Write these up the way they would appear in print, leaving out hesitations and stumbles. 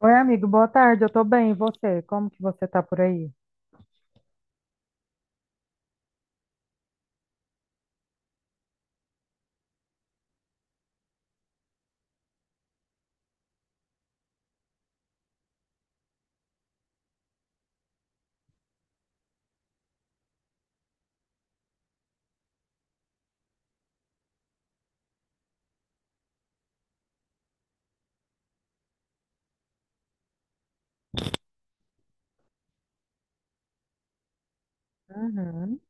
Oi, amigo, boa tarde. Eu tô bem, e você? Como que você tá por aí? Uhum.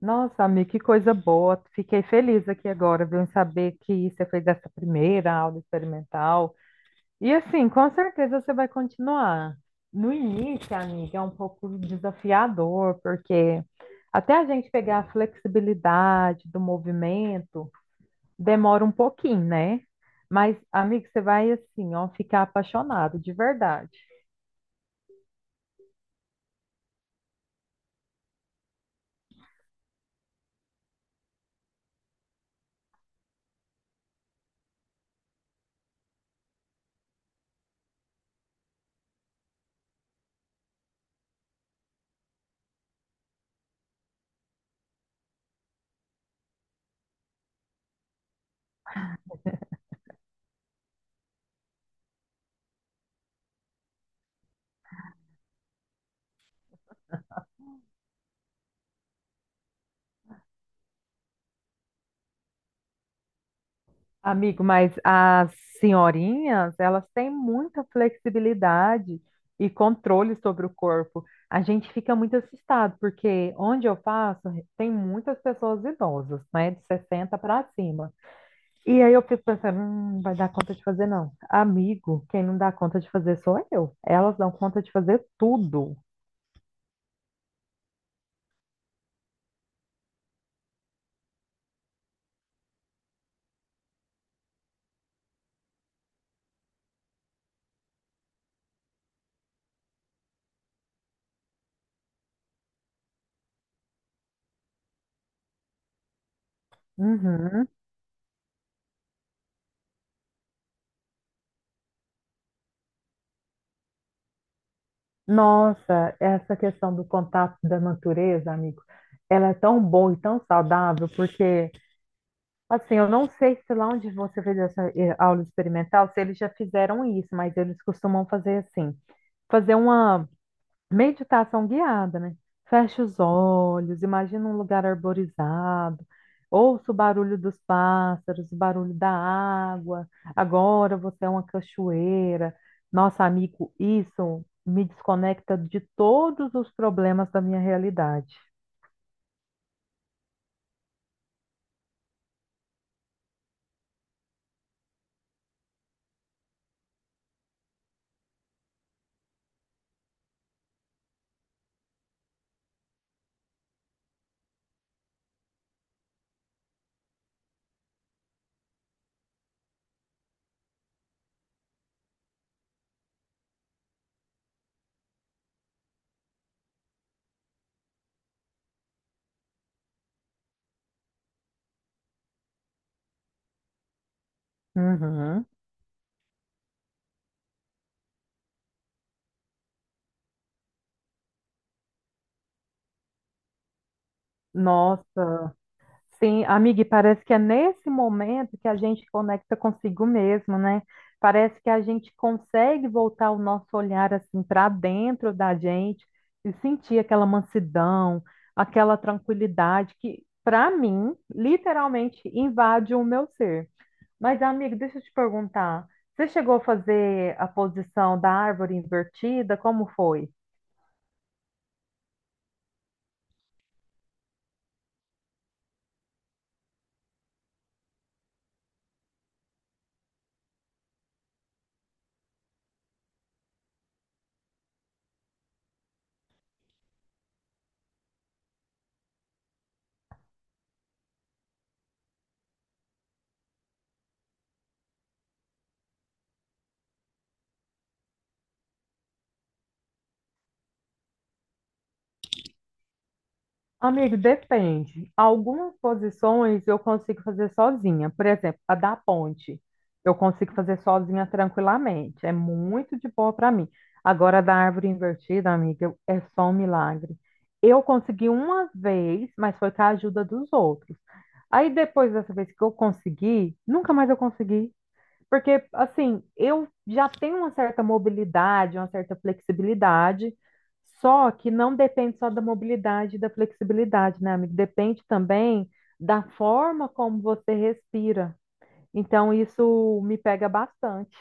Nossa, amigo, que coisa boa. Fiquei feliz aqui agora, viu, em saber que você fez essa primeira aula experimental. E assim, com certeza você vai continuar. No início, amiga, é um pouco desafiador, porque até a gente pegar a flexibilidade do movimento, demora um pouquinho, né? Mas, amigo, você vai assim, ó, ficar apaixonado, de verdade. Amigo, mas as senhorinhas, elas têm muita flexibilidade e controle sobre o corpo. A gente fica muito assustado, porque onde eu faço, tem muitas pessoas idosas, né, de 60 para cima. E aí eu fico pensando, não vai dar conta de fazer não. Amigo, quem não dá conta de fazer sou eu. Elas dão conta de fazer tudo. Uhum. Nossa, essa questão do contato da natureza, amigo, ela é tão boa e tão saudável, porque assim, eu não sei se lá onde você fez essa aula experimental, se eles já fizeram isso, mas eles costumam fazer assim, fazer uma meditação guiada, né? Fecha os olhos, imagina um lugar arborizado, ouça o barulho dos pássaros, o barulho da água. Agora você é uma cachoeira. Nossa, amigo, isso me desconecta de todos os problemas da minha realidade. Uhum. Nossa. Sim, amiga, e parece que é nesse momento que a gente conecta consigo mesmo, né? Parece que a gente consegue voltar o nosso olhar assim para dentro da gente e sentir aquela mansidão, aquela tranquilidade que, para mim, literalmente invade o meu ser. Mas, amiga, deixa eu te perguntar, você chegou a fazer a posição da árvore invertida? Como foi? Amigo, depende. Algumas posições eu consigo fazer sozinha. Por exemplo, a da ponte. Eu consigo fazer sozinha tranquilamente. É muito de boa para mim. Agora, a da árvore invertida, amiga, é só um milagre. Eu consegui uma vez, mas foi com a ajuda dos outros. Aí, depois dessa vez que eu consegui, nunca mais eu consegui. Porque, assim, eu já tenho uma certa mobilidade, uma certa flexibilidade, só que não depende só da mobilidade e da flexibilidade, né, amigo? Depende também da forma como você respira. Então, isso me pega bastante.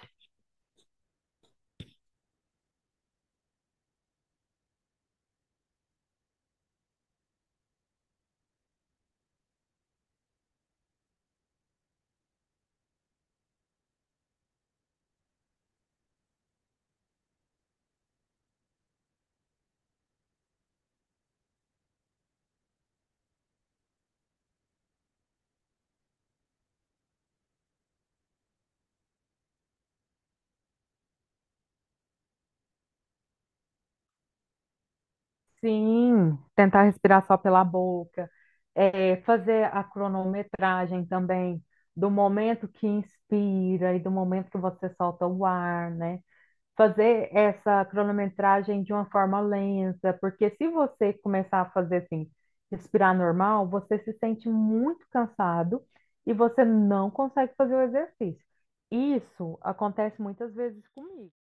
Sim, tentar respirar só pela boca, é, fazer a cronometragem também do momento que inspira e do momento que você solta o ar, né? Fazer essa cronometragem de uma forma lenta, porque se você começar a fazer assim, respirar normal, você se sente muito cansado e você não consegue fazer o exercício. Isso acontece muitas vezes comigo.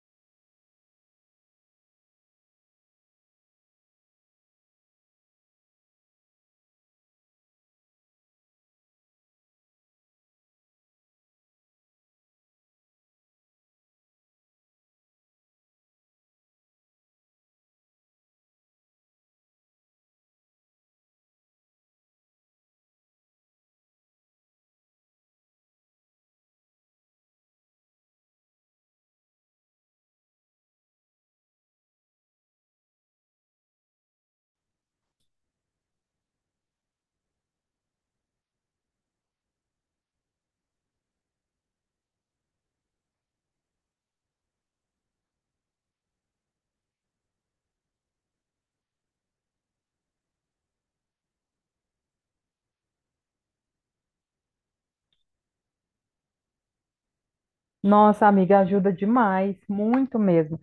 Nossa, amiga, ajuda demais, muito mesmo.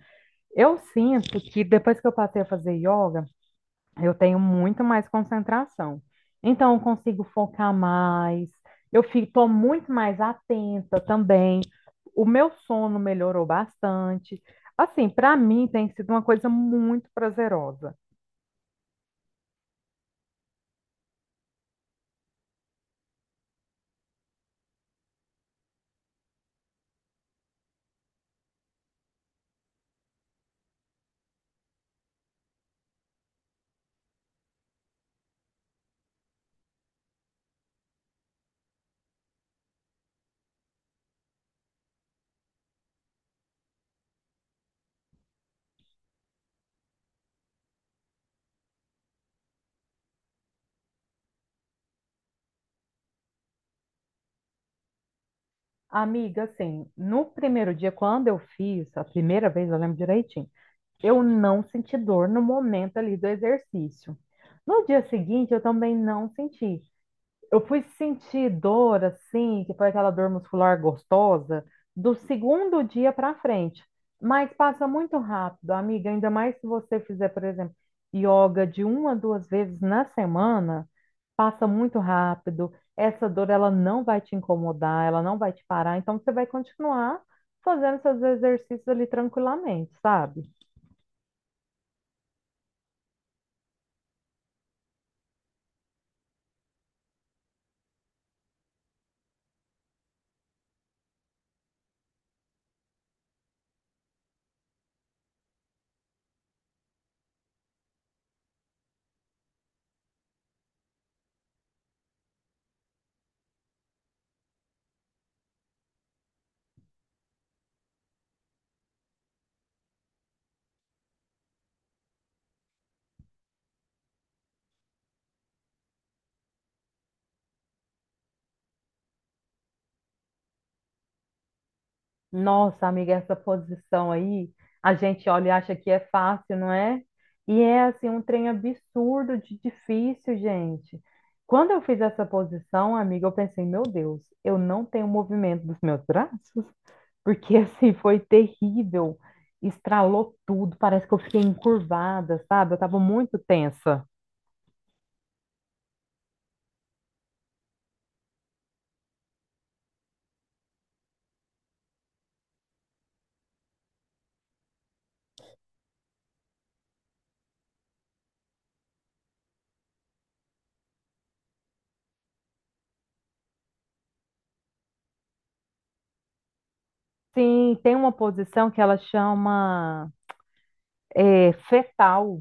Eu sinto que depois que eu passei a fazer yoga, eu tenho muito mais concentração. Então, eu consigo focar mais, eu estou muito mais atenta também. O meu sono melhorou bastante. Assim, para mim tem sido uma coisa muito prazerosa. Amiga, assim, no primeiro dia, quando eu fiz, a primeira vez, eu lembro direitinho, eu não senti dor no momento ali do exercício. No dia seguinte, eu também não senti. Eu fui sentir dor, assim, que foi aquela dor muscular gostosa, do segundo dia para frente. Mas passa muito rápido, amiga. Ainda mais se você fizer, por exemplo, yoga de uma, a 2 vezes na semana, passa muito rápido. Essa dor, ela não vai te incomodar, ela não vai te parar. Então, você vai continuar fazendo seus exercícios ali tranquilamente, sabe? Nossa, amiga, essa posição aí, a gente olha e acha que é fácil, não é? E é assim um trem absurdo de difícil, gente. Quando eu fiz essa posição, amiga, eu pensei, meu Deus, eu não tenho movimento dos meus braços, porque assim foi terrível. Estralou tudo, parece que eu fiquei encurvada, sabe? Eu estava muito tensa. Sim, tem uma posição que ela chama é, fetal.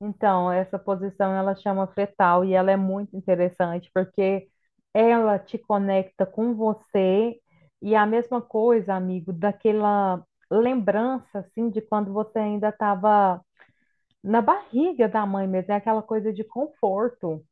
Então, essa posição ela chama fetal e ela é muito interessante porque ela te conecta com você e a mesma coisa, amigo, daquela lembrança assim de quando você ainda estava na barriga da mãe mesmo, é aquela coisa de conforto.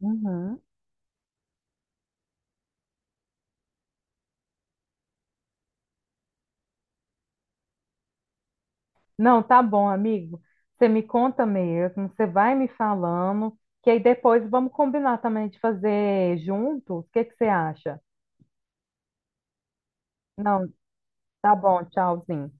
Uhum. Não, tá bom, amigo. Você me conta mesmo, você vai me falando, que aí depois vamos combinar também de fazer juntos. O que que você acha? Não, tá bom, tchauzinho.